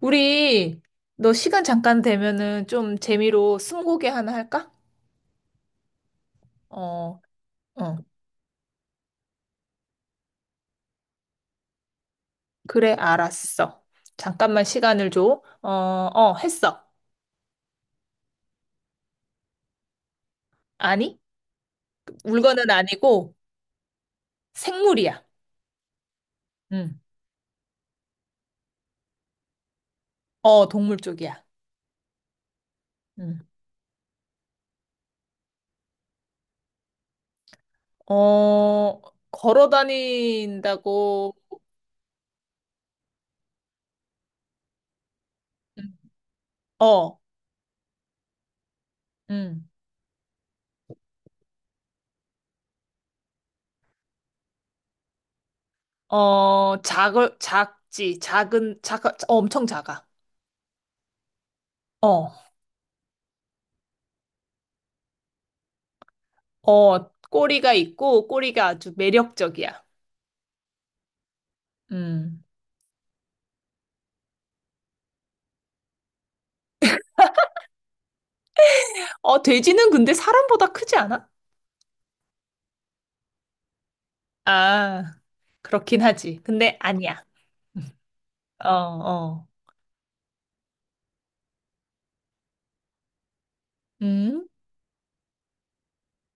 우리 너 시간 잠깐 되면은 좀 재미로 스무고개 하나 할까? 어, 어. 그래, 알았어. 잠깐만 시간을 줘. 했어. 아니, 물건은 아니고 생물이야. 응. 어, 동물 쪽이야. 응. 어, 걸어 다닌다고. 응. 어, 응. 어, 작을 작지. 엄청 작아. 어. 어, 꼬리가 있고 꼬리가 아주 매력적이야. 음. 어, 돼지는 근데 사람보다 크지 않아? 아, 그렇긴 하지. 근데 아니야. 어, 어. 음?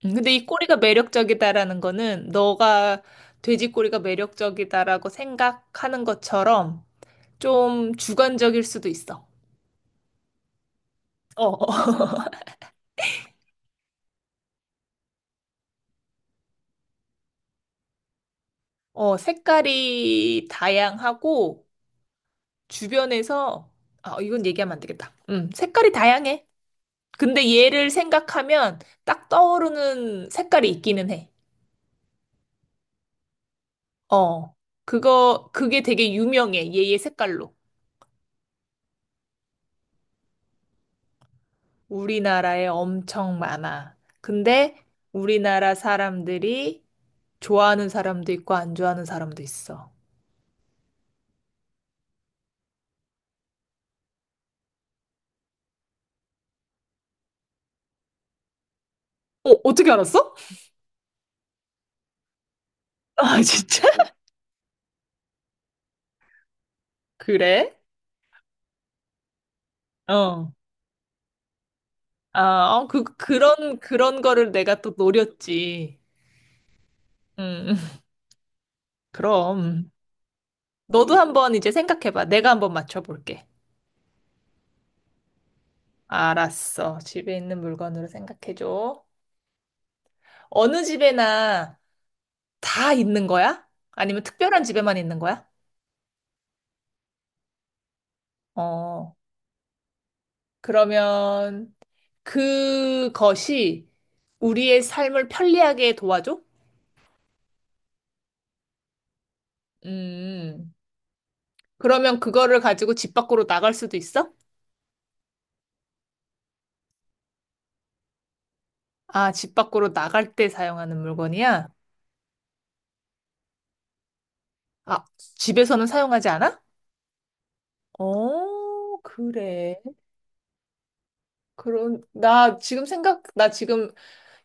근데 이 꼬리가 매력적이다라는 거는 너가 돼지 꼬리가 매력적이다라고 생각하는 것처럼 좀 주관적일 수도 있어. 어, 어, 어, 색깔이 다양하고 주변에서, 아, 이건 얘기하면 안 되겠다. 색깔이 다양해. 근데 얘를 생각하면 딱 떠오르는 색깔이 있기는 해. 어, 그게 되게 유명해. 얘의 색깔로. 우리나라에 엄청 많아. 근데 우리나라 사람들이 좋아하는 사람도 있고 안 좋아하는 사람도 있어. 어, 어떻게 알았어? 아, 진짜? 그래? 어. 그런 거를 내가 또 노렸지. 음, 음. 그럼. 너도 한번 이제 생각해봐. 내가 한번 맞춰볼게. 알았어. 집에 있는 물건으로 생각해줘. 어느 집에나 다 있는 거야? 아니면 특별한 집에만 있는 거야? 어, 그러면 그것이 우리의 삶을 편리하게 도와줘? 음, 그러면 그거를 가지고 집 밖으로 나갈 수도 있어? 아, 집 밖으로 나갈 때 사용하는 물건이야? 아, 집에서는 사용하지 않아? 어, 그래. 그런, 나 지금 생각, 나 지금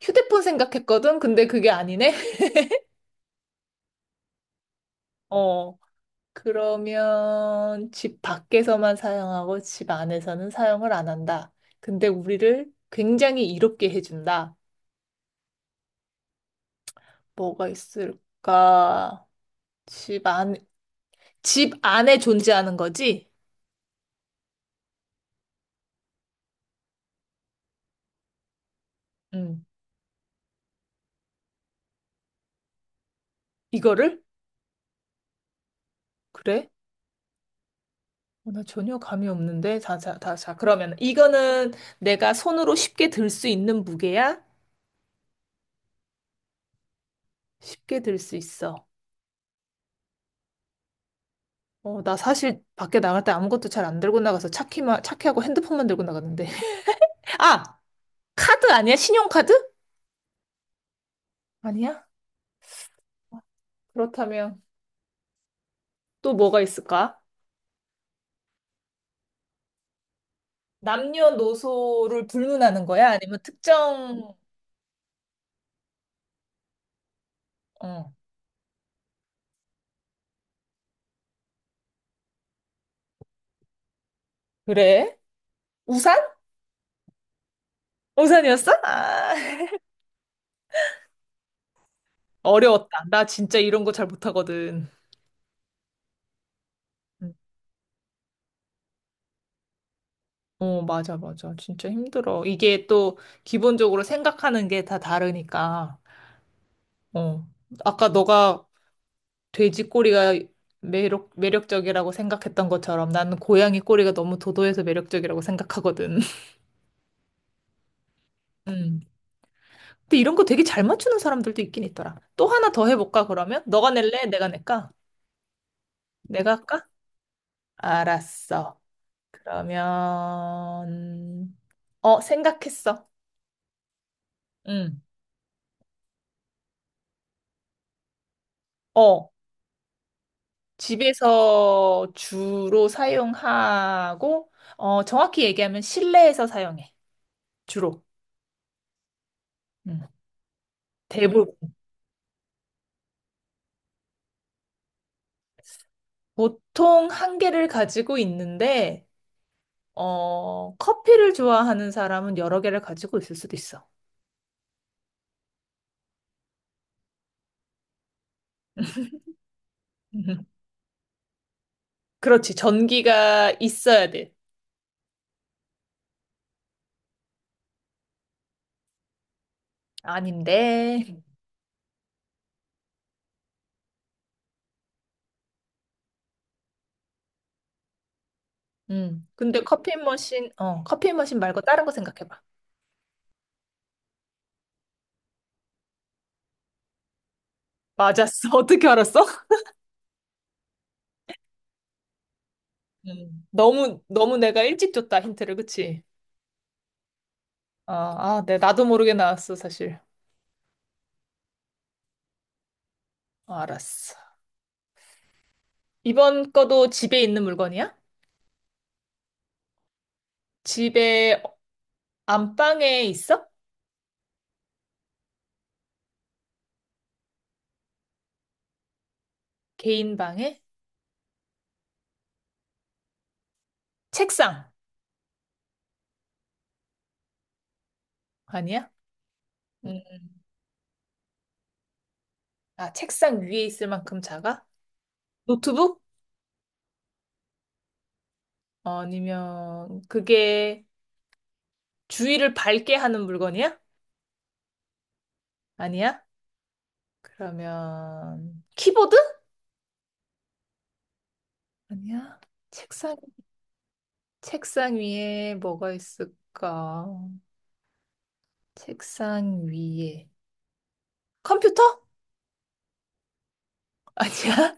휴대폰 생각했거든? 근데 그게 아니네? 어. 그러면 집 밖에서만 사용하고 집 안에서는 사용을 안 한다. 근데 우리를 굉장히 이롭게 해준다. 뭐가 있을까? 집 안, 집 안에 존재하는 거지? 음. 이거를? 그래? 어, 나 전혀 감이 없는데. 자, 자, 자, 자. 그러면 이거는 내가 손으로 쉽게 들 수 있는 무게야? 쉽게 들 수 있어. 어, 나 사실 밖에 나갈 때 아무것도 잘 안 들고 나가서 차키하고 핸드폰만 들고 나갔는데. 아! 카드 아니야? 신용카드? 아니야? 그렇다면 또 뭐가 있을까? 남녀노소를 불문하는 거야? 아니면 특정, 어, 그래? 우산? 우산이었어? 아, 어려웠다. 나 진짜 이런 거 잘 못하거든. 음. 어, 맞아, 맞아. 진짜 힘들어. 이게 또 기본적으로 생각하는 게 다 다르니까. 어. 아까 너가 돼지 꼬리가 매력적이라고 생각했던 것처럼 나는 고양이 꼬리가 너무 도도해서 매력적이라고 생각하거든. 음. 근데 이런 거 되게 잘 맞추는 사람들도 있긴 있더라. 또 하나 더 해볼까, 그러면? 너가 낼래? 내가 낼까? 내가 할까? 알았어. 그러면, 어, 생각했어. 응. 어, 집에서 주로 사용하고, 어, 정확히 얘기하면 실내에서 사용해. 주로. 응. 대부분. 보통 한 개를 가지고 있는데, 어, 커피를 좋아하는 사람은 여러 개를 가지고 있을 수도 있어. 그렇지. 전기가 있어야 돼. 아닌데. 음. 근데 커피 머신 말고 다른 거 생각해봐. 맞았어. 어떻게 알았어? 음. 너무 내가 일찍 줬다, 힌트를. 그치? 아, 네. 나도 모르게 나왔어, 사실. 어, 알았어. 이번 거도 집에 있는 물건이야? 집에 안방에 있어? 개인 방에? 책상. 아니야? 음, 아, 책상 위에 있을 만큼 작아? 노트북? 아니면 그게 주위를 밝게 하는 물건이야? 아니야? 그러면 키보드? 아니야. 책상 책상 위에 뭐가 있을까? 책상 위에 컴퓨터? 아니야.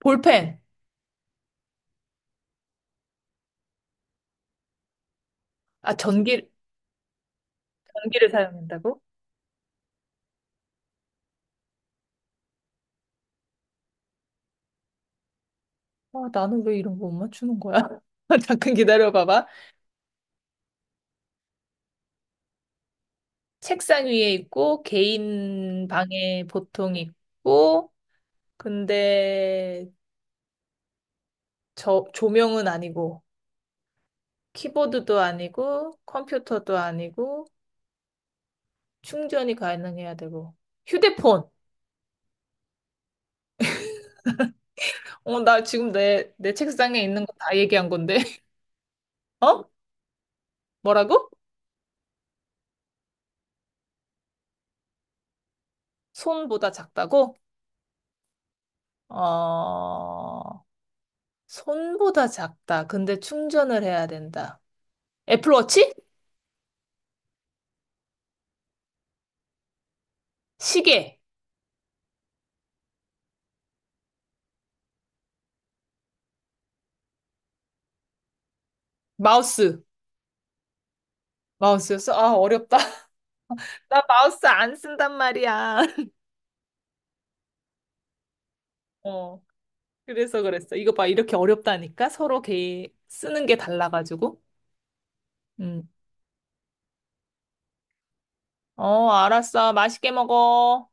볼펜. 아, 전기 전기를 사용한다고? 아, 나는 왜 이런 거 못 맞추는 거야? 잠깐 기다려 봐봐. 책상 위에 있고 개인 방에 보통 있고 근데 저 조명은 아니고 키보드도 아니고 컴퓨터도 아니고 충전이 가능해야 되고 휴대폰. 어, 나 지금 내 책상에 있는 거 다 얘기한 건데. 어? 뭐라고? 손보다 작다고? 어, 손보다 작다. 근데 충전을 해야 된다. 애플워치? 시계. 마우스. 마우스였어? 아, 어렵다. 나 마우스 안 쓴단 말이야. 어, 그래서 그랬어. 이거 봐, 이렇게 어렵다니까? 서로 개 쓰는 게 달라가지고. 음. 어, 알았어. 맛있게 먹어.